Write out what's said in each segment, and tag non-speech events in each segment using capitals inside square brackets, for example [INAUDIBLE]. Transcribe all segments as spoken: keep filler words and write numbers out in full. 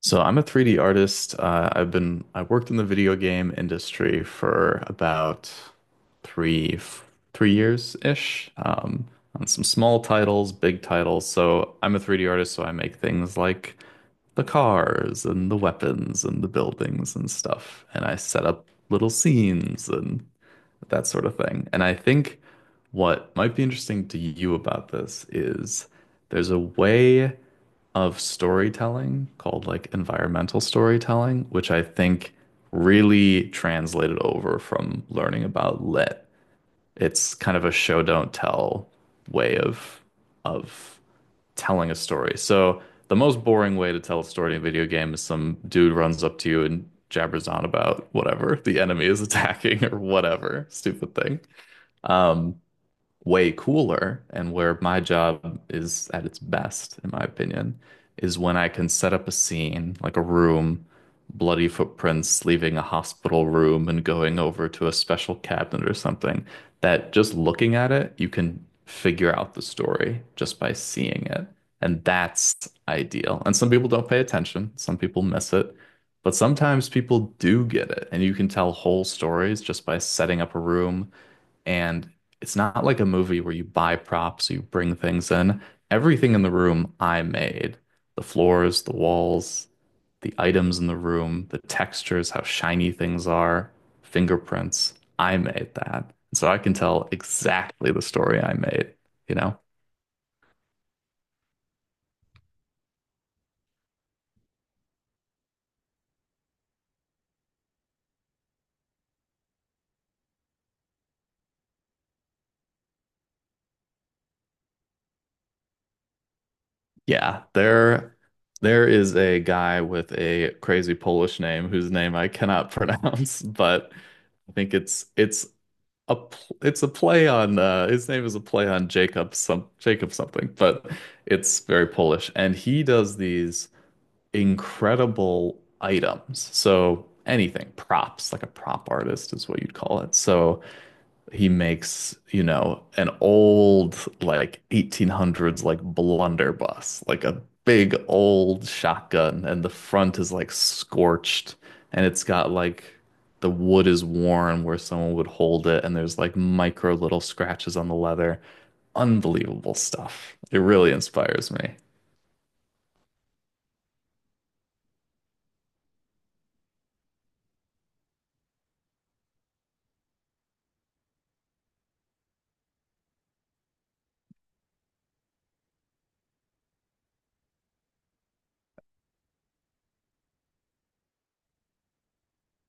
So I'm a three D artist. Uh, I've been I worked in the video game industry for about three f- three years ish, um, on some small titles, big titles. So I'm a three D artist, so I make things like the cars and the weapons and the buildings and stuff, and I set up little scenes and that sort of thing. And I think what might be interesting to you about this is there's a way of storytelling called like environmental storytelling, which I think really translated over from learning about lit. It's kind of a show don't tell way of of telling a story. So the most boring way to tell a story in a video game is some dude runs up to you and jabbers on about whatever [LAUGHS] the enemy is attacking or whatever stupid thing. Um, Way cooler and where my job is at its best, in my opinion, is when I can set up a scene, like a room, bloody footprints leaving a hospital room and going over to a special cabinet or something, that just looking at it, you can figure out the story just by seeing it. And that's ideal. And some people don't pay attention, some people miss it. But sometimes people do get it, and you can tell whole stories just by setting up a room and it's not like a movie where you buy props, you bring things in. Everything in the room I made. The floors, the walls, the items in the room, the textures, how shiny things are, fingerprints. I made that. So I can tell exactly the story I made, you know? Yeah, there there is a guy with a crazy Polish name whose name I cannot [LAUGHS] pronounce, but I think it's it's a pl- it's a play on uh his name is a play on Jacob, some Jacob something, but it's very Polish and he does these incredible items. So anything, props, like a prop artist is what you'd call it. So he makes, you know, an old like eighteen hundreds like blunderbuss, like a big old shotgun, and the front is like scorched, and it's got like the wood is worn where someone would hold it, and there's like micro little scratches on the leather. Unbelievable stuff. It really inspires me.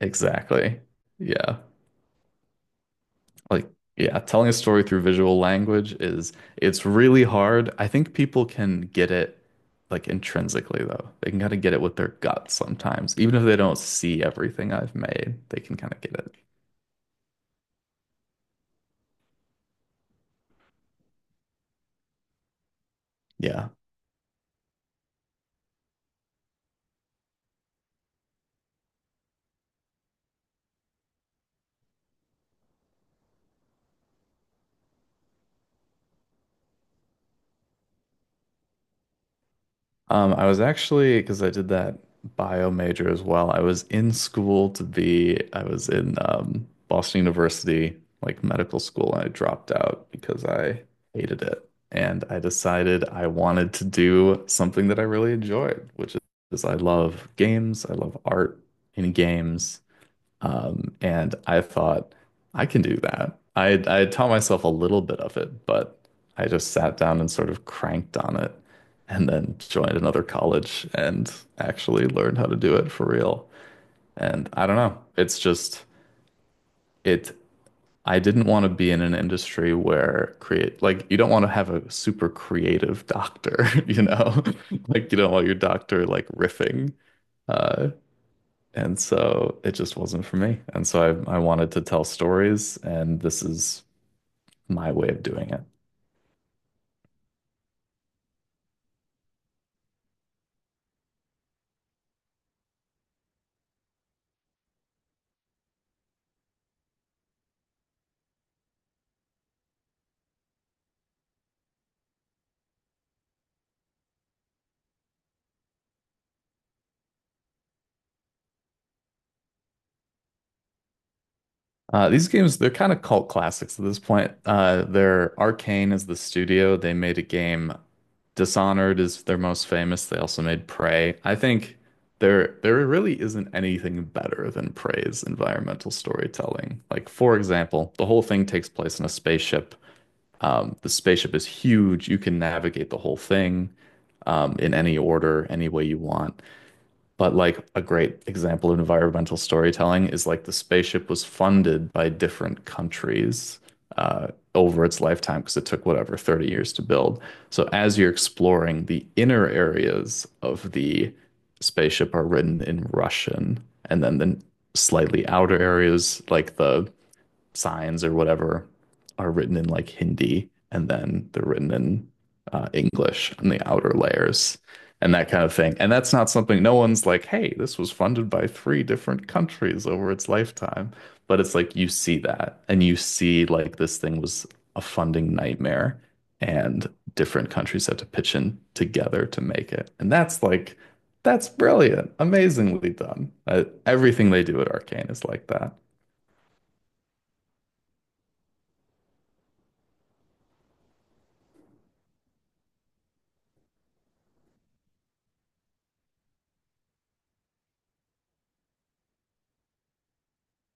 Exactly. Yeah. Like, yeah, telling a story through visual language is it's really hard. I think people can get it like intrinsically though. They can kind of get it with their gut sometimes. Even if they don't see everything I've made, they can kind of get it. Yeah. Um, I was actually, because I did that bio major as well, I was in school to be, I was in um, Boston University, like medical school, and I dropped out because I hated it. And I decided I wanted to do something that I really enjoyed, which is I love games, I love art in games. Um, and I thought, I can do that. I had- I had taught myself a little bit of it, but I just sat down and sort of cranked on it and then joined another college and actually learned how to do it for real. And I don't know. It's just it I didn't want to be in an industry where create like you don't want to have a super creative doctor, [LAUGHS] you know? [LAUGHS] Like you don't want your doctor like riffing. Uh, and so it just wasn't for me. And so I, I wanted to tell stories, and this is my way of doing it. Uh, these games, they're kind of cult classics at this point. Uh, they're Arcane is the studio. They made a game. Dishonored is their most famous. They also made Prey. I think there there really isn't anything better than Prey's environmental storytelling. Like, for example, the whole thing takes place in a spaceship. Um, the spaceship is huge. You can navigate the whole thing um, in any order, any way you want. But like a great example of environmental storytelling is like the spaceship was funded by different countries, uh, over its lifetime because it took whatever thirty years to build. So as you're exploring, the inner areas of the spaceship are written in Russian, and then the slightly outer areas, like the signs or whatever are written in like Hindi and then they're written in uh, English on the outer layers and that kind of thing. And that's not something no one's like, hey, this was funded by three different countries over its lifetime. But it's like you see that and you see like this thing was a funding nightmare and different countries have to pitch in together to make it. And that's like, that's brilliant, amazingly done. Uh, everything they do at Arcane is like that.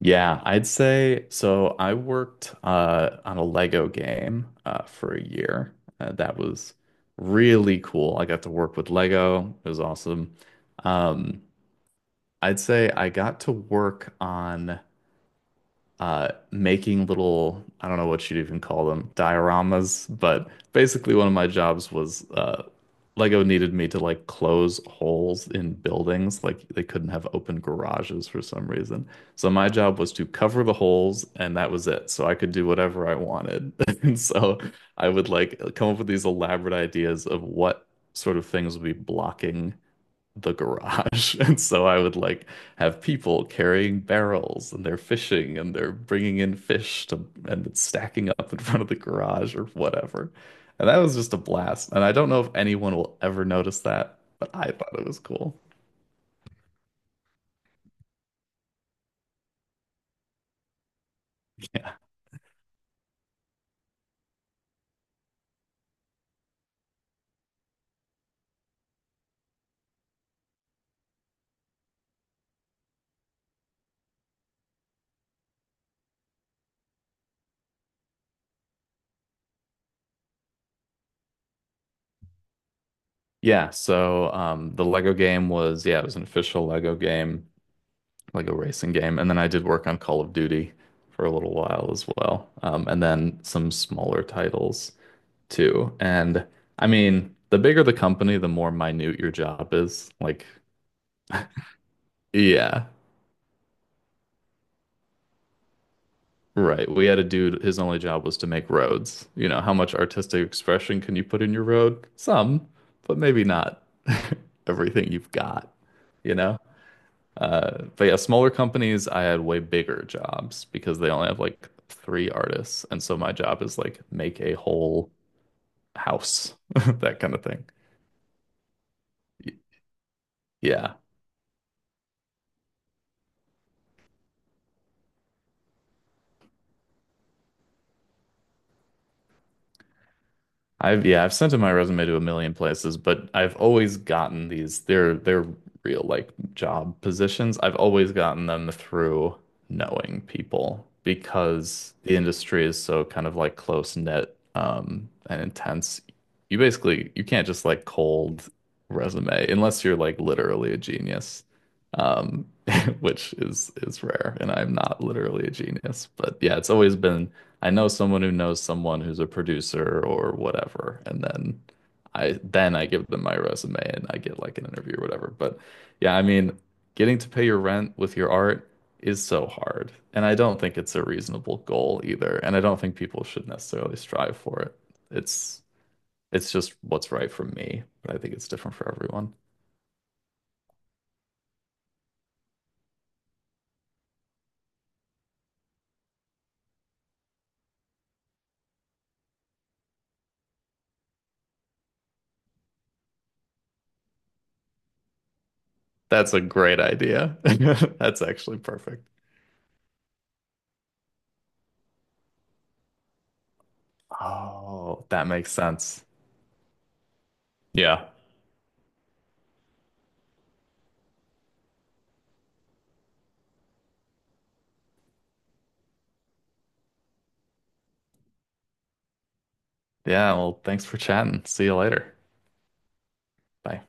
Yeah, I'd say so. I worked uh, on a Lego game uh, for a year. Uh, that was really cool. I got to work with Lego. It was awesome. Um, I'd say I got to work on uh, making little, I don't know what you'd even call them, dioramas, but basically one of my jobs was uh, Lego needed me to like close holes in buildings. Like they couldn't have open garages for some reason. So my job was to cover the holes and that was it. So I could do whatever I wanted. [LAUGHS] And so I would like come up with these elaborate ideas of what sort of things would be blocking the garage. [LAUGHS] And so I would like have people carrying barrels and they're fishing and they're bringing in fish to and it's stacking up in front of the garage or whatever. And that was just a blast. And I don't know if anyone will ever notice that, but I thought it was cool. Yeah, so um the Lego game was, yeah, it was an official Lego game, Lego racing game. And then I did work on Call of Duty for a little while as well. Um, and then some smaller titles too. And I mean, the bigger the company, the more minute your job is. Like, yeah, right. We had a dude, his only job was to make roads. You know, how much artistic expression can you put in your road? Some, but maybe not [LAUGHS] everything you've got, you know? Uh, but yeah, smaller companies, I had way bigger jobs because they only have like three artists. And so my job is like make a whole house, [LAUGHS] that kind of thing. Y- Yeah. I've yeah, I've sent in my resume to a million places, but I've always gotten these. They're they're real like job positions. I've always gotten them through knowing people because the industry is so kind of like close knit um and intense. You basically you can't just like cold resume unless you're like literally a genius. Um [LAUGHS] which is is rare and I'm not literally a genius, but yeah, it's always been I know someone who knows someone who's a producer or whatever, and then I then I give them my resume and I get like an interview or whatever. But yeah, I mean, getting to pay your rent with your art is so hard, and I don't think it's a reasonable goal either, and I don't think people should necessarily strive for it. It's it's just what's right for me, but I think it's different for everyone. That's a great idea. [LAUGHS] That's actually perfect. Oh, that makes sense. Yeah. Yeah, well, thanks for chatting. See you later. Bye.